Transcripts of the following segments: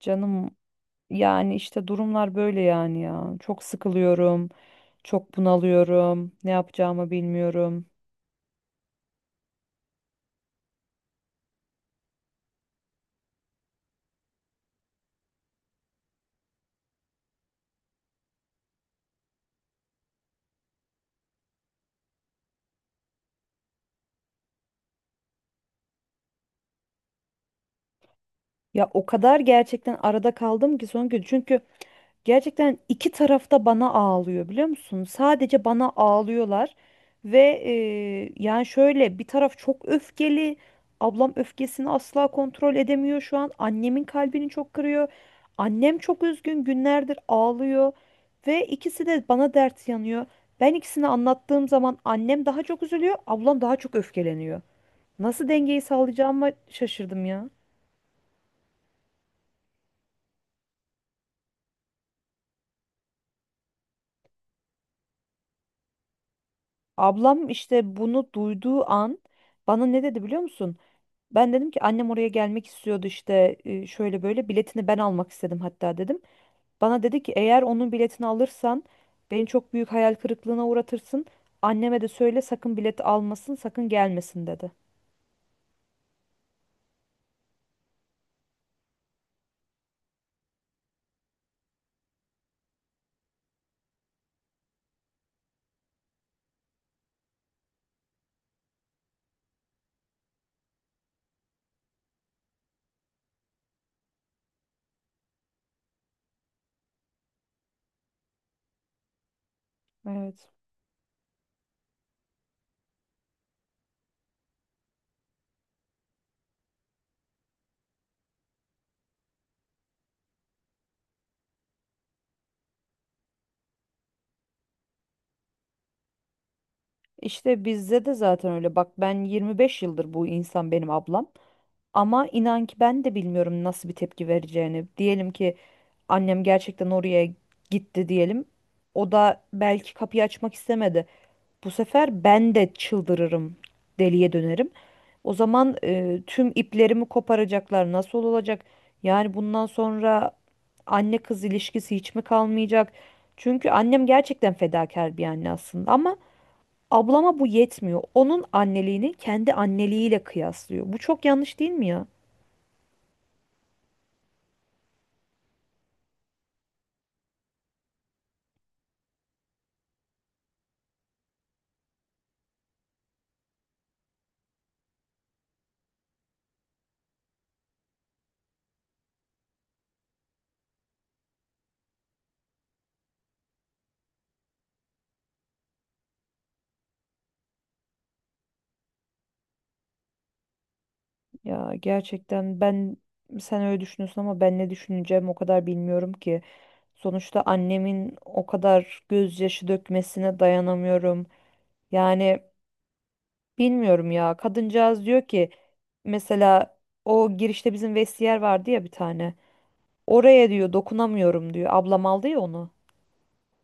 Canım, yani işte durumlar böyle yani ya. Çok sıkılıyorum. Çok bunalıyorum. Ne yapacağımı bilmiyorum. Ya o kadar gerçekten arada kaldım ki son gün. Çünkü gerçekten iki tarafta bana ağlıyor biliyor musun? Sadece bana ağlıyorlar ve yani şöyle bir taraf çok öfkeli. Ablam öfkesini asla kontrol edemiyor şu an. Annemin kalbini çok kırıyor. Annem çok üzgün, günlerdir ağlıyor ve ikisi de bana dert yanıyor. Ben ikisini anlattığım zaman annem daha çok üzülüyor, ablam daha çok öfkeleniyor. Nasıl dengeyi sağlayacağımı şaşırdım ya. Ablam işte bunu duyduğu an bana ne dedi biliyor musun? Ben dedim ki annem oraya gelmek istiyordu, işte şöyle böyle biletini ben almak istedim hatta dedim. Bana dedi ki eğer onun biletini alırsan beni çok büyük hayal kırıklığına uğratırsın. Anneme de söyle sakın bilet almasın, sakın gelmesin dedi. Evet. İşte bizde de zaten öyle. Bak ben 25 yıldır bu insan benim ablam. Ama inan ki ben de bilmiyorum nasıl bir tepki vereceğini. Diyelim ki annem gerçekten oraya gitti diyelim. O da belki kapıyı açmak istemedi. Bu sefer ben de çıldırırım, deliye dönerim. O zaman tüm iplerimi koparacaklar. Nasıl olacak? Yani bundan sonra anne kız ilişkisi hiç mi kalmayacak? Çünkü annem gerçekten fedakar bir anne aslında, ama ablama bu yetmiyor. Onun anneliğini kendi anneliğiyle kıyaslıyor. Bu çok yanlış değil mi ya? Ya gerçekten ben, sen öyle düşünüyorsun ama ben ne düşüneceğim o kadar bilmiyorum ki. Sonuçta annemin o kadar gözyaşı dökmesine dayanamıyorum. Yani bilmiyorum ya. Kadıncağız diyor ki, mesela o girişte bizim vestiyer vardı ya bir tane. Oraya diyor dokunamıyorum diyor. Ablam aldı ya onu.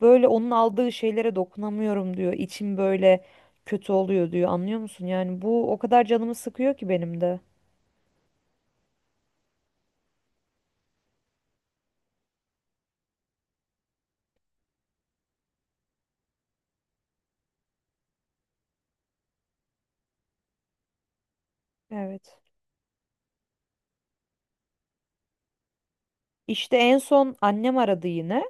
Böyle onun aldığı şeylere dokunamıyorum diyor. İçim böyle kötü oluyor diyor. Anlıyor musun? Yani bu o kadar canımı sıkıyor ki benim de. Evet. İşte en son annem aradı yine.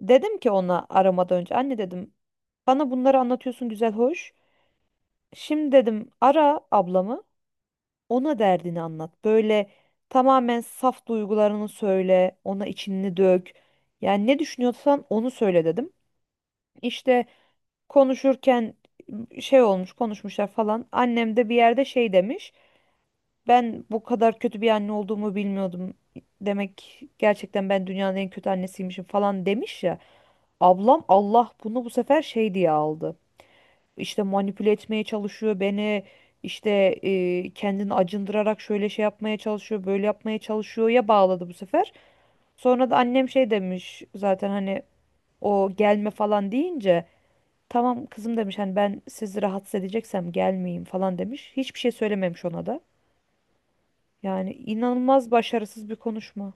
Dedim ki ona, aramadan önce, anne dedim, bana bunları anlatıyorsun güzel hoş. Şimdi dedim ara ablamı. Ona derdini anlat. Böyle tamamen saf duygularını söyle, ona içini dök. Yani ne düşünüyorsan onu söyle dedim. İşte konuşurken şey olmuş, konuşmuşlar falan. Annem de bir yerde şey demiş. Ben bu kadar kötü bir anne olduğumu bilmiyordum. Demek gerçekten ben dünyanın en kötü annesiymişim falan demiş ya. Ablam Allah bunu bu sefer şey diye aldı. İşte manipüle etmeye çalışıyor beni, işte kendini acındırarak şöyle şey yapmaya çalışıyor böyle yapmaya çalışıyor ya, bağladı bu sefer. Sonra da annem şey demiş zaten, hani o gelme falan deyince, tamam kızım demiş, hani ben sizi rahatsız edeceksem gelmeyeyim falan demiş. Hiçbir şey söylememiş ona da. Yani inanılmaz başarısız bir konuşma.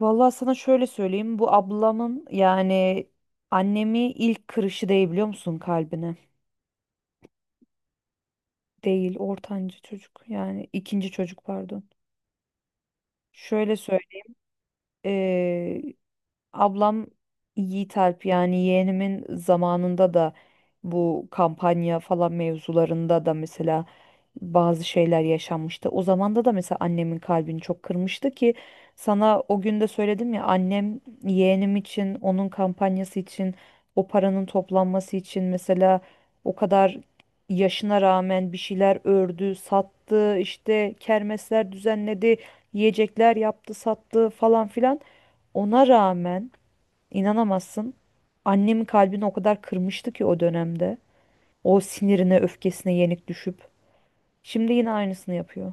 Vallahi sana şöyle söyleyeyim, bu ablamın yani annemi ilk kırışı değil biliyor musun kalbine? Değil, ortanca çocuk, yani ikinci çocuk pardon. Şöyle söyle, ablam Yiğit Alp yani yeğenimin zamanında da bu kampanya falan mevzularında da, mesela, bazı şeyler yaşanmıştı. O zamanda da mesela annemin kalbini çok kırmıştı ki, sana o gün de söyledim ya, annem yeğenim için, onun kampanyası için, o paranın toplanması için mesela, o kadar yaşına rağmen bir şeyler ördü, sattı, işte kermesler düzenledi, yiyecekler yaptı, sattı falan filan. Ona rağmen İnanamazsın. Annemin kalbini o kadar kırmıştı ki o dönemde. O sinirine, öfkesine yenik düşüp. Şimdi yine aynısını yapıyor.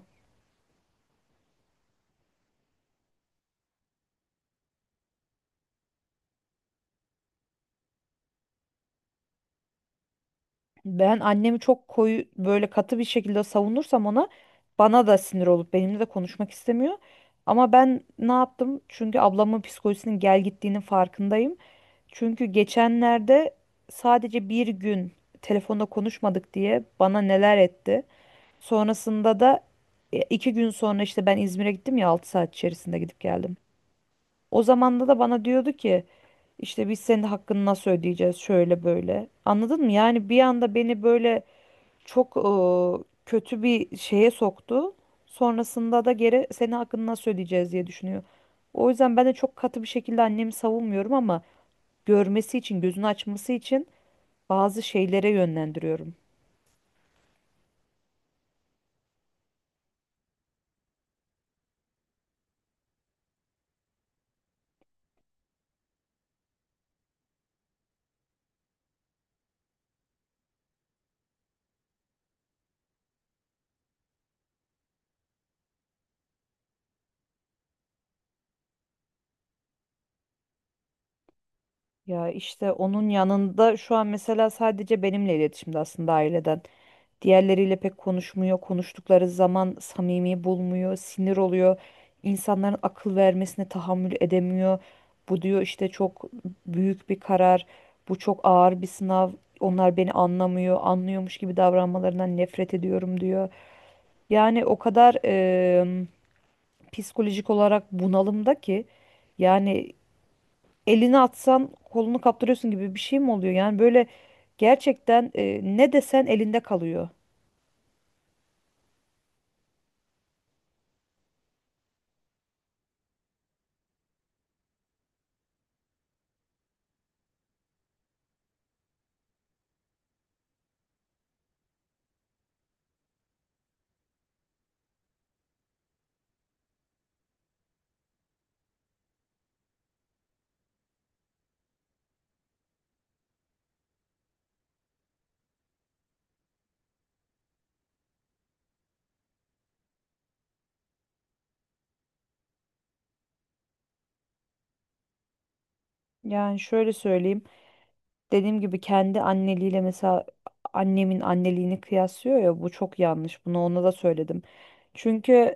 Ben annemi çok koyu, böyle katı bir şekilde savunursam ona, bana da sinir olup benimle de konuşmak istemiyor. Ama ben ne yaptım? Çünkü ablamın psikolojisinin gel gittiğinin farkındayım. Çünkü geçenlerde sadece bir gün telefonda konuşmadık diye bana neler etti. Sonrasında da iki gün sonra işte ben İzmir'e gittim ya, 6 saat içerisinde gidip geldim. O zamanda da bana diyordu ki işte biz senin hakkını nasıl ödeyeceğiz, şöyle böyle. Anladın mı? Yani bir anda beni böyle çok kötü bir şeye soktu. Sonrasında da geri senin hakkını nasıl ödeyeceğiz diye düşünüyor. O yüzden ben de çok katı bir şekilde annemi savunmuyorum, ama görmesi için, gözünü açması için bazı şeylere yönlendiriyorum. Ya işte onun yanında şu an mesela sadece benimle iletişimde aslında, aileden. Diğerleriyle pek konuşmuyor. Konuştukları zaman samimi bulmuyor, sinir oluyor. İnsanların akıl vermesine tahammül edemiyor. Bu diyor işte çok büyük bir karar, bu çok ağır bir sınav. Onlar beni anlamıyor, anlıyormuş gibi davranmalarından nefret ediyorum diyor. Yani o kadar psikolojik olarak bunalımda ki, yani elini atsan kolunu kaptırıyorsun gibi bir şey mi oluyor? Yani böyle gerçekten ne desen elinde kalıyor. Yani şöyle söyleyeyim. Dediğim gibi kendi anneliğiyle, mesela, annemin anneliğini kıyaslıyor ya, bu çok yanlış. Bunu ona da söyledim. Çünkü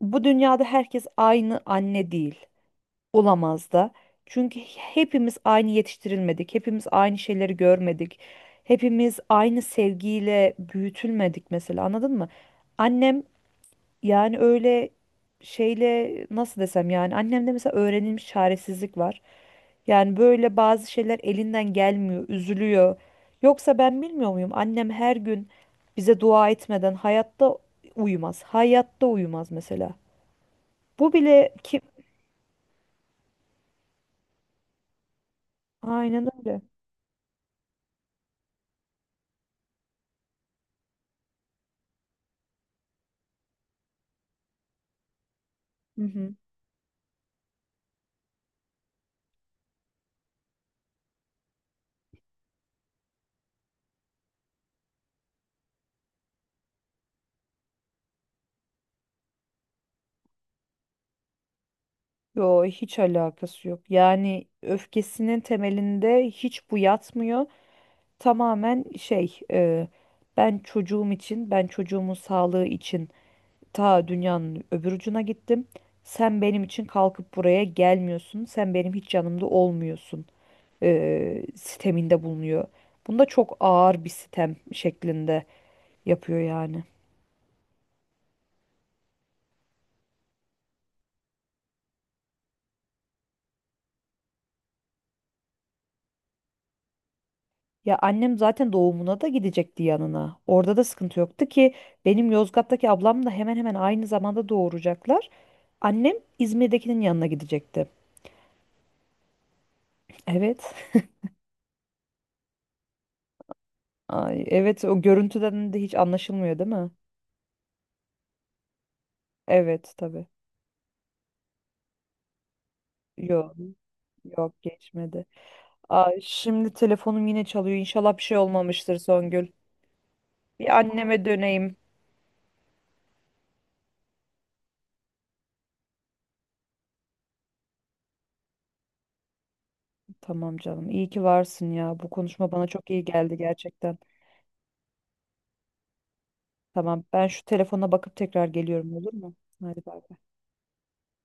bu dünyada herkes aynı anne değil. Olamaz da. Çünkü hepimiz aynı yetiştirilmedik. Hepimiz aynı şeyleri görmedik. Hepimiz aynı sevgiyle büyütülmedik mesela, anladın mı? Annem, yani öyle şeyle nasıl desem, yani annemde mesela öğrenilmiş çaresizlik var. Yani böyle bazı şeyler elinden gelmiyor, üzülüyor. Yoksa ben bilmiyor muyum? Annem her gün bize dua etmeden hayatta uyumaz. Hayatta uyumaz mesela. Bu bile kim? Aynen öyle. Hı hı. Yo, hiç alakası yok. Yani öfkesinin temelinde hiç bu yatmıyor. Tamamen şey, ben çocuğum için, ben çocuğumun sağlığı için ta dünyanın öbür ucuna gittim. Sen benim için kalkıp buraya gelmiyorsun. Sen benim hiç yanımda olmuyorsun. Siteminde bulunuyor. Bunda çok ağır bir sitem şeklinde yapıyor yani. Ya annem zaten doğumuna da gidecekti yanına. Orada da sıkıntı yoktu ki, benim Yozgat'taki ablam da hemen hemen aynı zamanda doğuracaklar. Annem İzmir'dekinin yanına gidecekti. Evet. Ay, evet, o görüntüden de hiç anlaşılmıyor değil mi? Evet tabii. Yok, yok geçmedi. Ay, şimdi telefonum yine çalıyor. İnşallah bir şey olmamıştır, Songül. Bir anneme döneyim. Tamam canım. İyi ki varsın ya. Bu konuşma bana çok iyi geldi gerçekten. Tamam. Ben şu telefona bakıp tekrar geliyorum, olur mu? Hadi bay bay.